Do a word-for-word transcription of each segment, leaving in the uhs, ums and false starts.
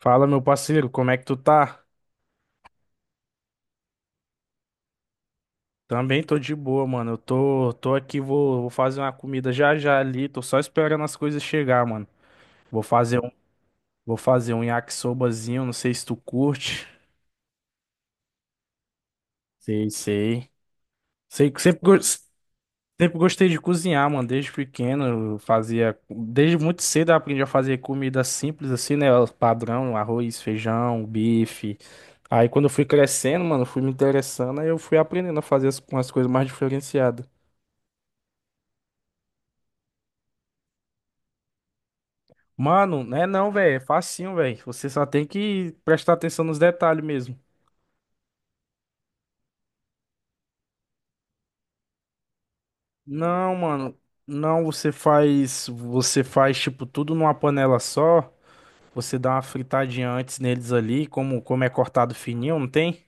Fala, meu parceiro, como é que tu tá? Também tô de boa, mano. Eu tô, tô aqui, vou, vou fazer uma comida já já ali. Tô só esperando as coisas chegar, mano. Vou fazer um, vou fazer um yakisobazinho, não sei se tu curte. Sei, sei. Sei que sempre, gos- sempre gostei de cozinhar, mano. Desde pequeno eu fazia, desde muito cedo eu aprendi a fazer comida simples assim, né? O padrão, arroz, feijão, bife. Aí quando eu fui crescendo, mano, fui me interessando, aí eu fui aprendendo a fazer as- umas coisas mais diferenciadas. Mano, não é não, velho. É facinho, velho. Você só tem que prestar atenção nos detalhes mesmo. Não, mano. Não, você faz. Você faz, tipo, tudo numa panela só. Você dá uma fritadinha antes neles ali, como, como é cortado fininho, não tem?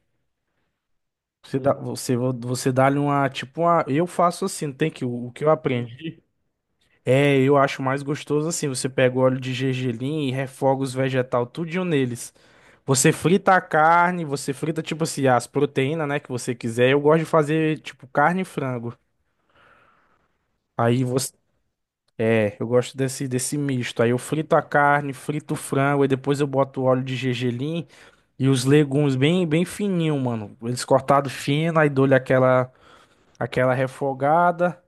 Você dá, você, você dá-lhe uma, tipo, uma. Eu faço assim, não tem que o, o que eu aprendi. É, eu acho mais gostoso assim. Você pega o óleo de gergelim e refoga os vegetal tudinho neles. Você frita a carne, você frita tipo assim as proteínas, né, que você quiser. Eu gosto de fazer tipo carne e frango. Aí você, É, eu gosto desse desse misto. Aí eu frito a carne, frito o frango, aí depois eu boto o óleo de gergelim e os legumes bem bem fininho, mano. Eles cortados fino, aí dou-lhe aquela aquela refogada.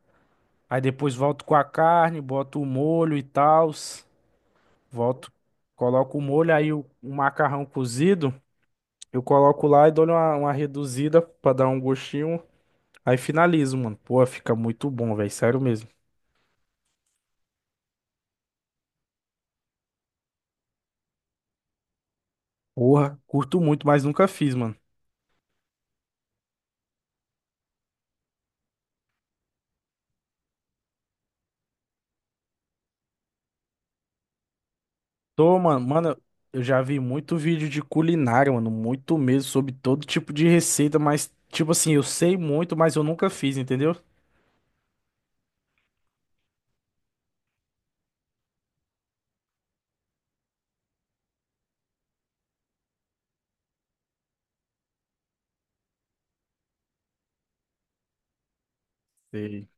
Aí depois volto com a carne, boto o molho e tal. Volto, coloco o molho, aí o, o macarrão cozido, eu coloco lá e dou uma, uma reduzida pra dar um gostinho. Aí finalizo, mano. Pô, fica muito bom, velho. Sério mesmo. Porra, curto muito, mas nunca fiz, mano. Tô, mano, mano, eu já vi muito vídeo de culinária, mano. Muito mesmo, sobre todo tipo de receita, mas, tipo assim, eu sei muito, mas eu nunca fiz, entendeu? Sei.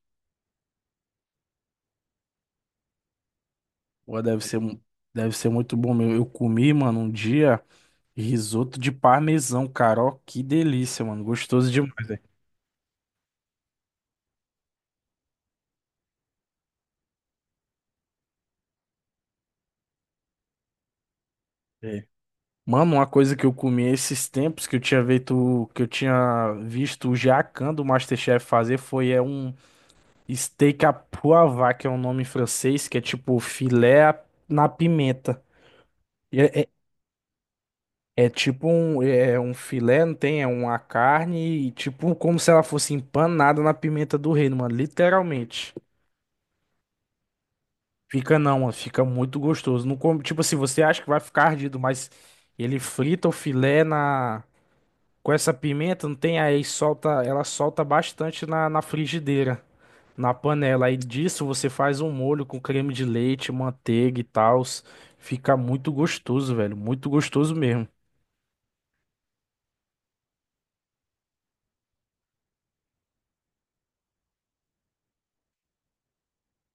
Pô, deve ser, mu- deve ser muito bom mesmo. Eu comi, mano, um dia. Risoto de parmesão, cara. Ó, que delícia, mano. Gostoso demais, velho. É. Mano, uma coisa que eu comi esses tempos que eu tinha visto, que eu tinha visto o jacan do MasterChef fazer foi é um steak à poivre, que é um nome em francês, que é tipo filé à- na pimenta. E É, é, é tipo um, é um filé, não tem? É uma carne, e tipo como se ela fosse empanada na pimenta do reino, mano, literalmente. Fica não, mano, fica muito gostoso. Não come, tipo assim, você acha que vai ficar ardido, mas ele frita o filé na com essa pimenta, não tem aí, solta, ela solta bastante na, na frigideira, na panela. Aí disso você faz um molho com creme de leite, manteiga e tal. Fica muito gostoso, velho, muito gostoso mesmo.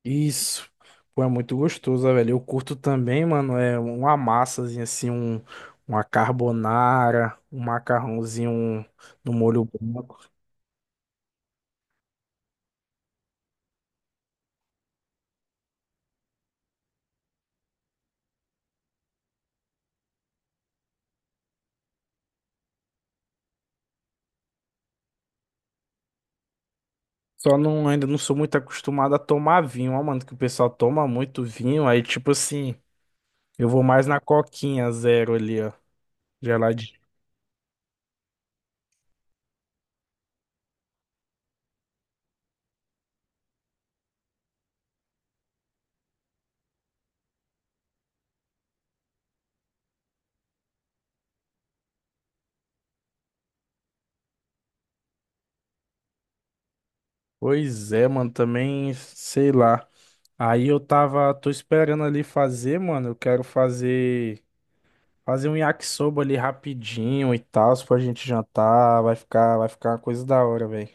Isso. Pô, é muito gostoso, velho. Eu curto também, mano, é uma massazinha assim, um uma carbonara, um macarrãozinho um, no molho branco. Só não, ainda não sou muito acostumado a tomar vinho, ó, mano, que o pessoal toma muito vinho, aí tipo assim, eu vou mais na coquinha zero ali, ó, geladinho. Pois é, mano, também, sei lá. Aí eu tava, tô esperando ali fazer, mano, eu quero fazer, fazer um yakisoba ali rapidinho e tal, se pra gente jantar, vai ficar, vai ficar uma coisa da hora, velho.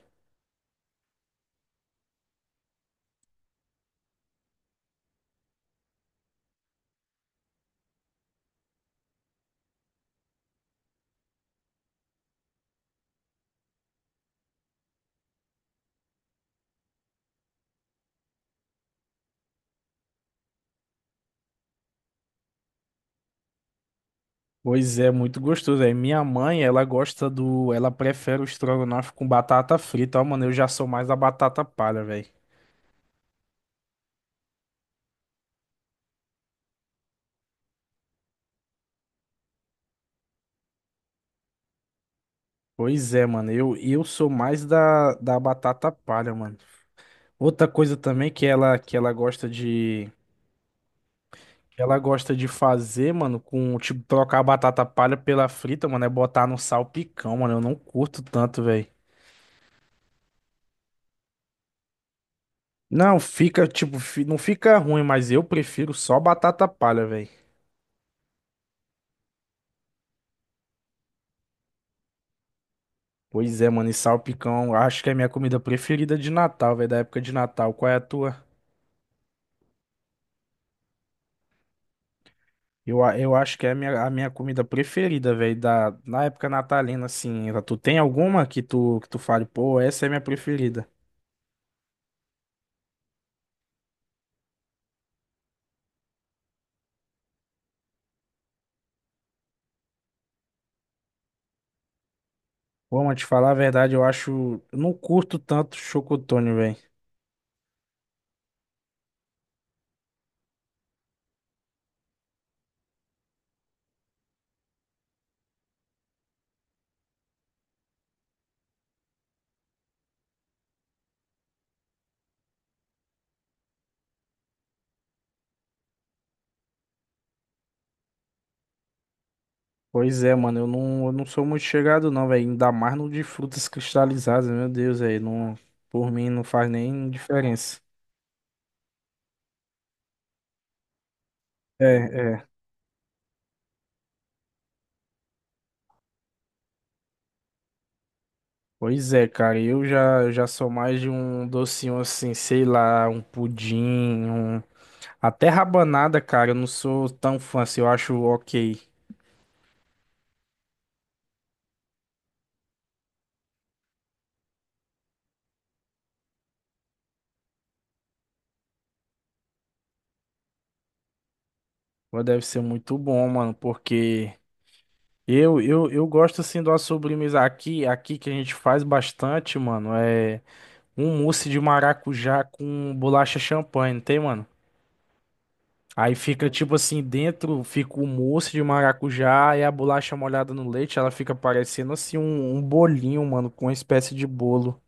Pois é, muito gostoso, velho. Minha mãe, ela gosta do, ela prefere o estrogonofe com batata frita, ó, mano, eu já sou mais da batata palha, velho. Pois é, mano. Eu, eu sou mais da, da batata palha, mano. Outra coisa também que ela, que ela gosta de. que Ela gosta de fazer, mano, com, tipo, trocar a batata palha pela frita, mano, é botar no salpicão, mano. Eu não curto tanto, velho. Não, fica, tipo, fi- não fica ruim, mas eu prefiro só batata palha, velho. Pois é, mano, e salpicão, acho que é a minha comida preferida de Natal, velho, da época de Natal. Qual é a tua? Eu, a- eu acho que é a minha, a minha, comida preferida, velho, da, na época natalina, assim. Tu tem alguma que tu, que tu fale, pô, essa é minha preferida? Pô, mas te falar a verdade, eu acho. Eu não curto tanto chocotone, velho. Pois é, mano, eu não, eu não sou muito chegado, não, velho. Ainda mais no de frutas cristalizadas, meu Deus, velho. Não, por mim não faz nem diferença. É, é. Pois é, cara, eu já, eu já sou mais de um docinho assim, sei lá, um pudim, um até rabanada, cara, eu não sou tão fã, assim, eu acho OK. Mas deve ser muito bom, mano, porque eu, eu, eu gosto, assim, de uma sobremesa aqui, aqui que a gente faz bastante, mano, é um mousse de maracujá com bolacha champanhe, não tem, mano? Aí fica, tipo assim, dentro fica o mousse de maracujá e a bolacha molhada no leite, ela fica parecendo, assim, um, um bolinho, mano, com uma espécie de bolo.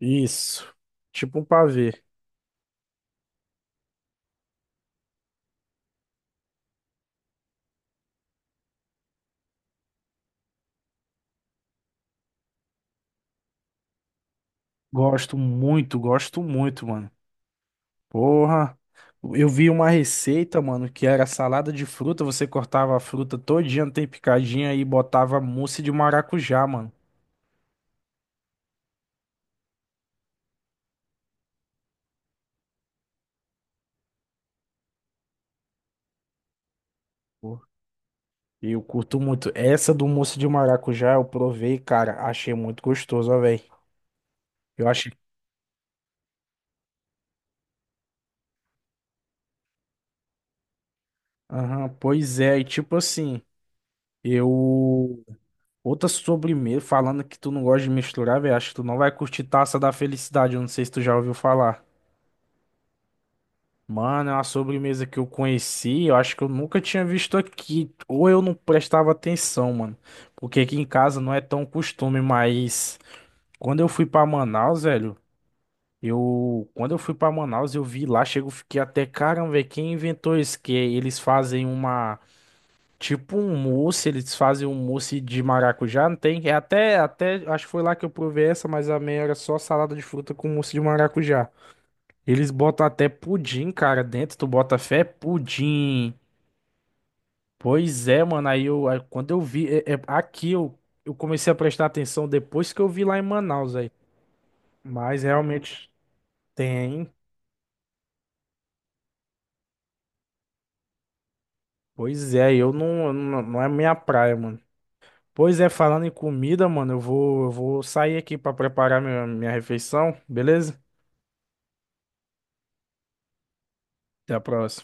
Isso, tipo um pavê. Gosto muito, gosto muito, mano. Porra, eu vi uma receita, mano, que era salada de fruta, você cortava a fruta todinha, tem picadinha e botava mousse de maracujá, mano. Pô, eu curto muito. Essa do mousse de maracujá eu provei, cara, achei muito gostoso, ó, velho. Eu achei. Aham, pois é, e tipo assim, eu. Outra sobremesa, falando que tu não gosta de misturar, velho, acho que tu não vai curtir Taça da Felicidade, eu não sei se tu já ouviu falar. Mano, é uma sobremesa que eu conheci, eu acho que eu nunca tinha visto aqui, ou eu não prestava atenção, mano, porque aqui em casa não é tão costume, mas quando eu fui pra Manaus, velho, eu, quando eu fui pra Manaus, eu vi lá, chego, fiquei até, caramba, velho, quem inventou isso? Que eles fazem uma, tipo um mousse, eles fazem um mousse de maracujá, não tem? É até, até, acho que foi lá que eu provei essa, mas a minha era só salada de fruta com mousse de maracujá. Eles botam até pudim, cara, dentro. Tu bota fé? É pudim. Pois é, mano. Aí eu, aí quando eu vi, é- é- aqui eu, eu comecei a prestar atenção depois que eu vi lá em Manaus, aí. Mas realmente tem. Pois é, eu não, não, não, é minha praia, mano. Pois é, falando em comida, mano, eu vou, eu vou sair aqui pra preparar minha, minha refeição, beleza? Até a próxima.